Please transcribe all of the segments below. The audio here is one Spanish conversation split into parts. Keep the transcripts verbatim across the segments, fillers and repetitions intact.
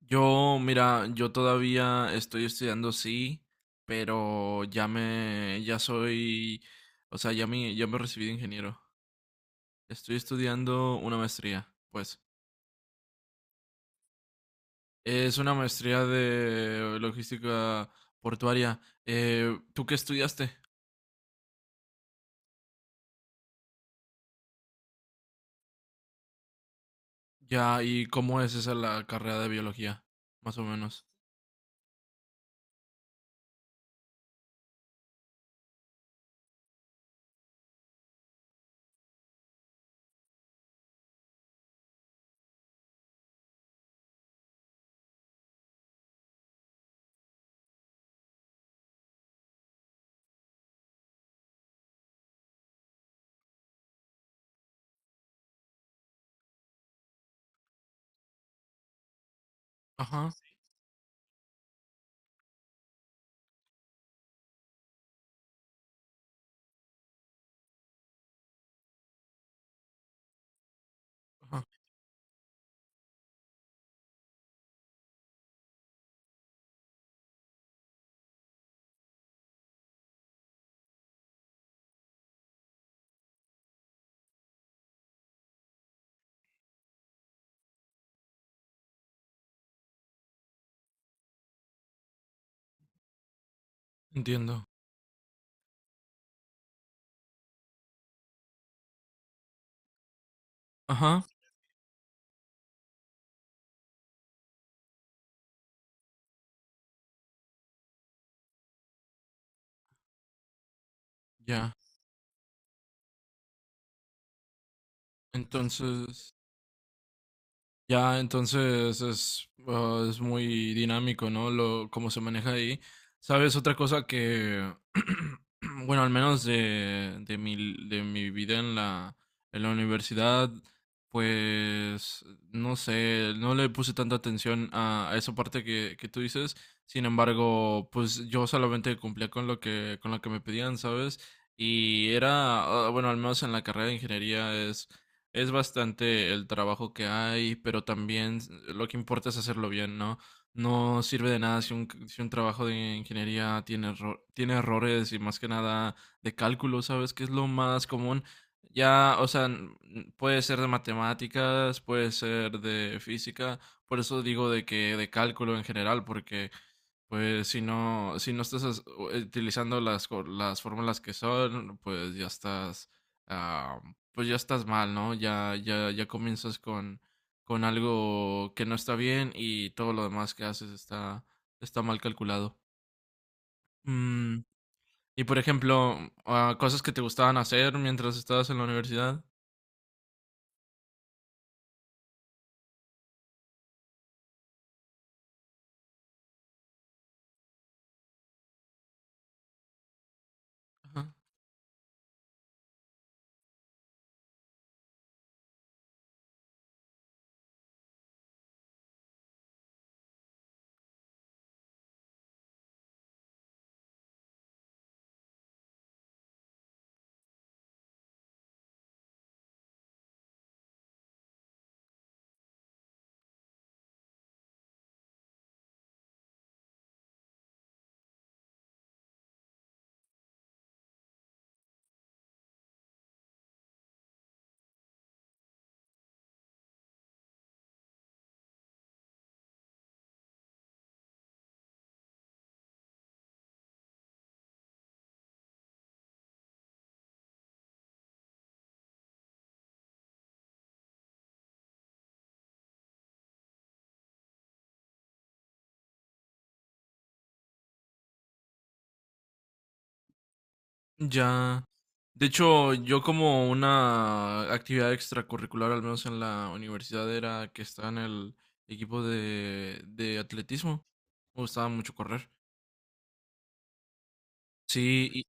Yo, mira, yo todavía estoy estudiando, sí, pero ya me, ya soy, o sea, ya me, ya me recibí de ingeniero. Estoy estudiando una maestría, pues. Es una maestría de logística portuaria. Eh, ¿tú qué estudiaste? Ya, ¿y cómo es esa la carrera de biología? Más o menos. Ajá, ajá, entiendo. Ajá, ya. Entonces, ya, entonces es, ah, es muy dinámico, ¿no? Lo, ¿cómo se maneja ahí? ¿Sabes? Otra cosa que, bueno, al menos de, de mi, de mi vida en la, en la universidad, pues, no sé, no le puse tanta atención a, a esa parte que, que tú dices. Sin embargo, pues yo solamente cumplía con lo que, con lo que me pedían, ¿sabes? Y era, ah, bueno, al menos en la carrera de ingeniería es es bastante el trabajo que hay, pero también s- lo que importa es hacerlo bien, ¿no? No sirve de nada si un, c- si un trabajo de ingeniería tiene, erro- tiene errores y más que nada de cálculo, ¿sabes? Que es lo más común. Ya, o sea, n- n- puede ser de matemáticas, puede ser de física, por eso digo de que de cálculo en general, porque pues si no, si no estás as- u- utilizando las, co- las fórmulas que son, pues ya estás ah, pues ya estás mal, ¿no? Ya, ya, ya comienzas con, con algo que no está bien y todo lo demás que haces está, está mal calculado. Mm, y por ejemplo, ah, cosas que te gustaban hacer mientras estabas en la universidad. Ajá. Ya. De hecho, yo como una actividad extracurricular, al menos en la universidad, era que estaba en el equipo de, de atletismo. Me gustaba mucho correr. Sí,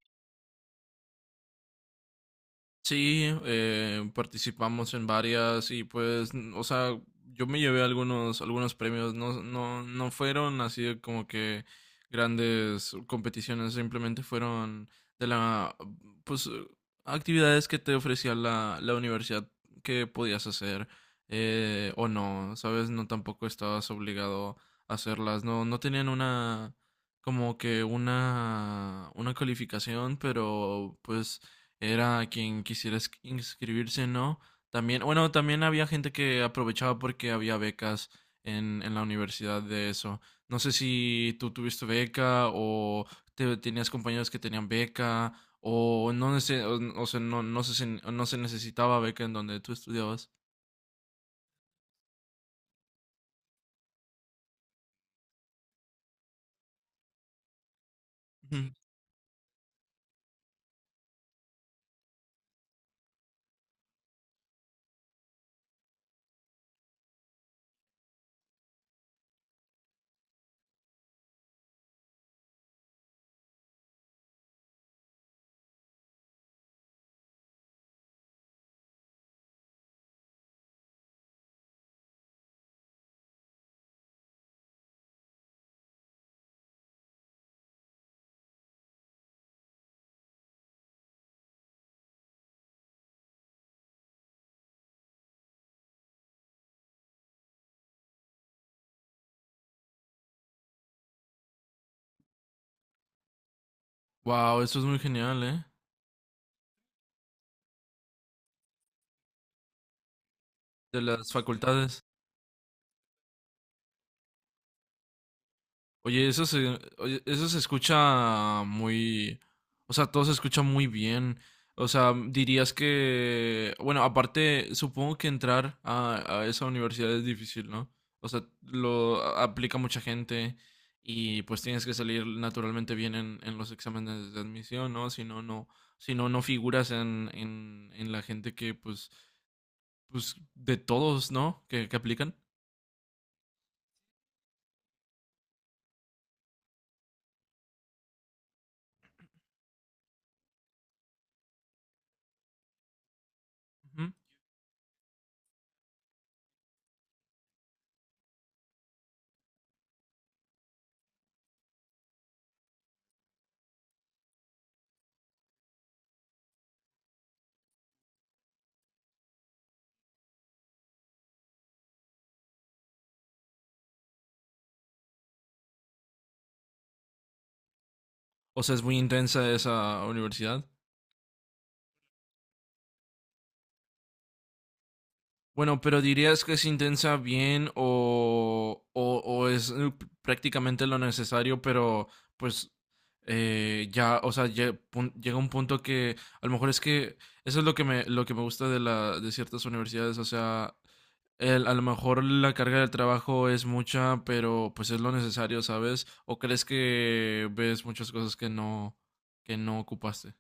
sí, eh, participamos en varias y pues, n- o sea, yo me llevé algunos, algunos premios, no, no, no fueron así de como que grandes competiciones, simplemente fueron de la, pues, eh, actividades que te ofrecía la, la universidad que podías hacer, eh, o no, ¿sabes? No, tampoco estabas obligado a hacerlas, no, no tenían una, como que una, una calificación, pero pues era quien quisiera es- inscribirse, ¿no? También, bueno, también había gente que aprovechaba porque había becas en, en la universidad de eso. No sé si tú tuviste beca o te- tenías compañeros que tenían beca o no, sé o, o sea, no, no se, se- no se necesitaba beca en donde tú estudiabas. Wow, eso es muy genial, ¿eh? De las facultades. Oye, eso se, oye, eso se escucha muy, o sea, todo se escucha muy bien. O sea, dirías que, bueno, aparte, supongo que entrar a, a esa universidad es difícil, ¿no? O sea, lo a- aplica mucha gente y pues tienes que salir naturalmente bien en, en los exámenes de admisión, ¿no? Si no, no, si no, no figuras en, en, en la gente que, pues, pues, de todos, ¿no? Que, que aplican. Ujú. O sea, es muy intensa esa universidad. Bueno, pero ¿dirías que es intensa bien o, o, o es eh, p- prácticamente lo necesario, pero pues eh, ya, o sea, lle- pun- llega un punto que a lo mejor es que eso es lo que me, lo que me gusta de la, de ciertas universidades, o sea, el- a lo mejor la carga del trabajo es mucha, pero pues es lo necesario, ¿sabes? ¿O crees que ves muchas cosas que no, que no ocupaste?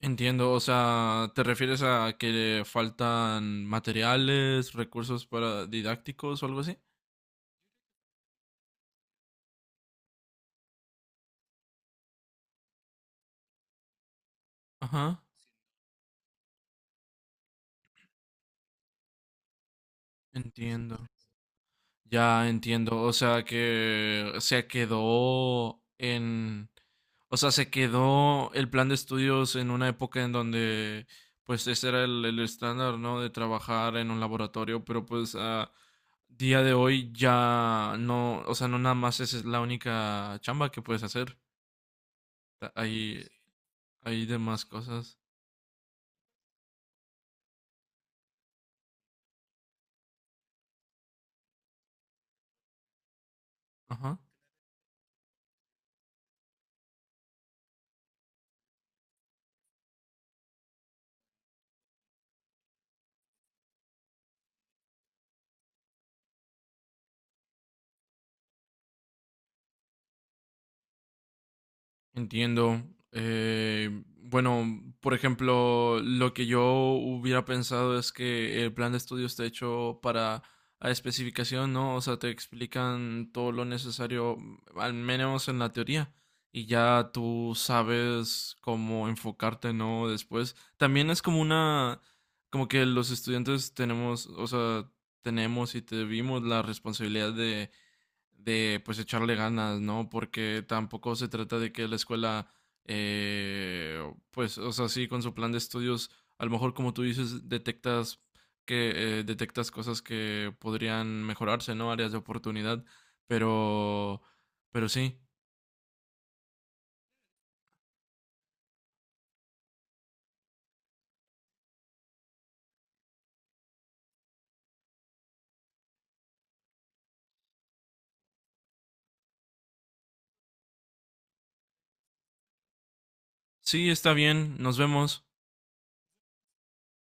Entiendo, o sea, ¿te refieres a que le faltan materiales, recursos para didácticos o algo así? Ajá, entiendo. Ya entiendo, o sea que se quedó en, o sea, se quedó el plan de estudios en una época en donde, pues, ese era el, el estándar, ¿no? De trabajar en un laboratorio, pero pues a día de hoy ya no, o sea, no nada más esa es la única chamba que puedes hacer. Ta- Hay Hay demás cosas. Ajá. Entiendo. Eh, bueno, por ejemplo, lo que yo hubiera pensado es que el plan de estudio está hecho para a especificación, ¿no? O sea, te explican todo lo necesario, al menos en la teoría, y ya tú sabes cómo enfocarte, ¿no? Después. También es como una, como que los estudiantes tenemos, o sea, tenemos y te vimos la responsabilidad de de pues echarle ganas, ¿no? Porque tampoco se trata de que la escuela, eh, pues, o sea, sí, con su plan de estudios, a lo mejor como tú dices, detectas que eh, detectas cosas que podrían mejorarse, ¿no? Áreas de oportunidad, pero, pero sí, sí, está bien, nos vemos.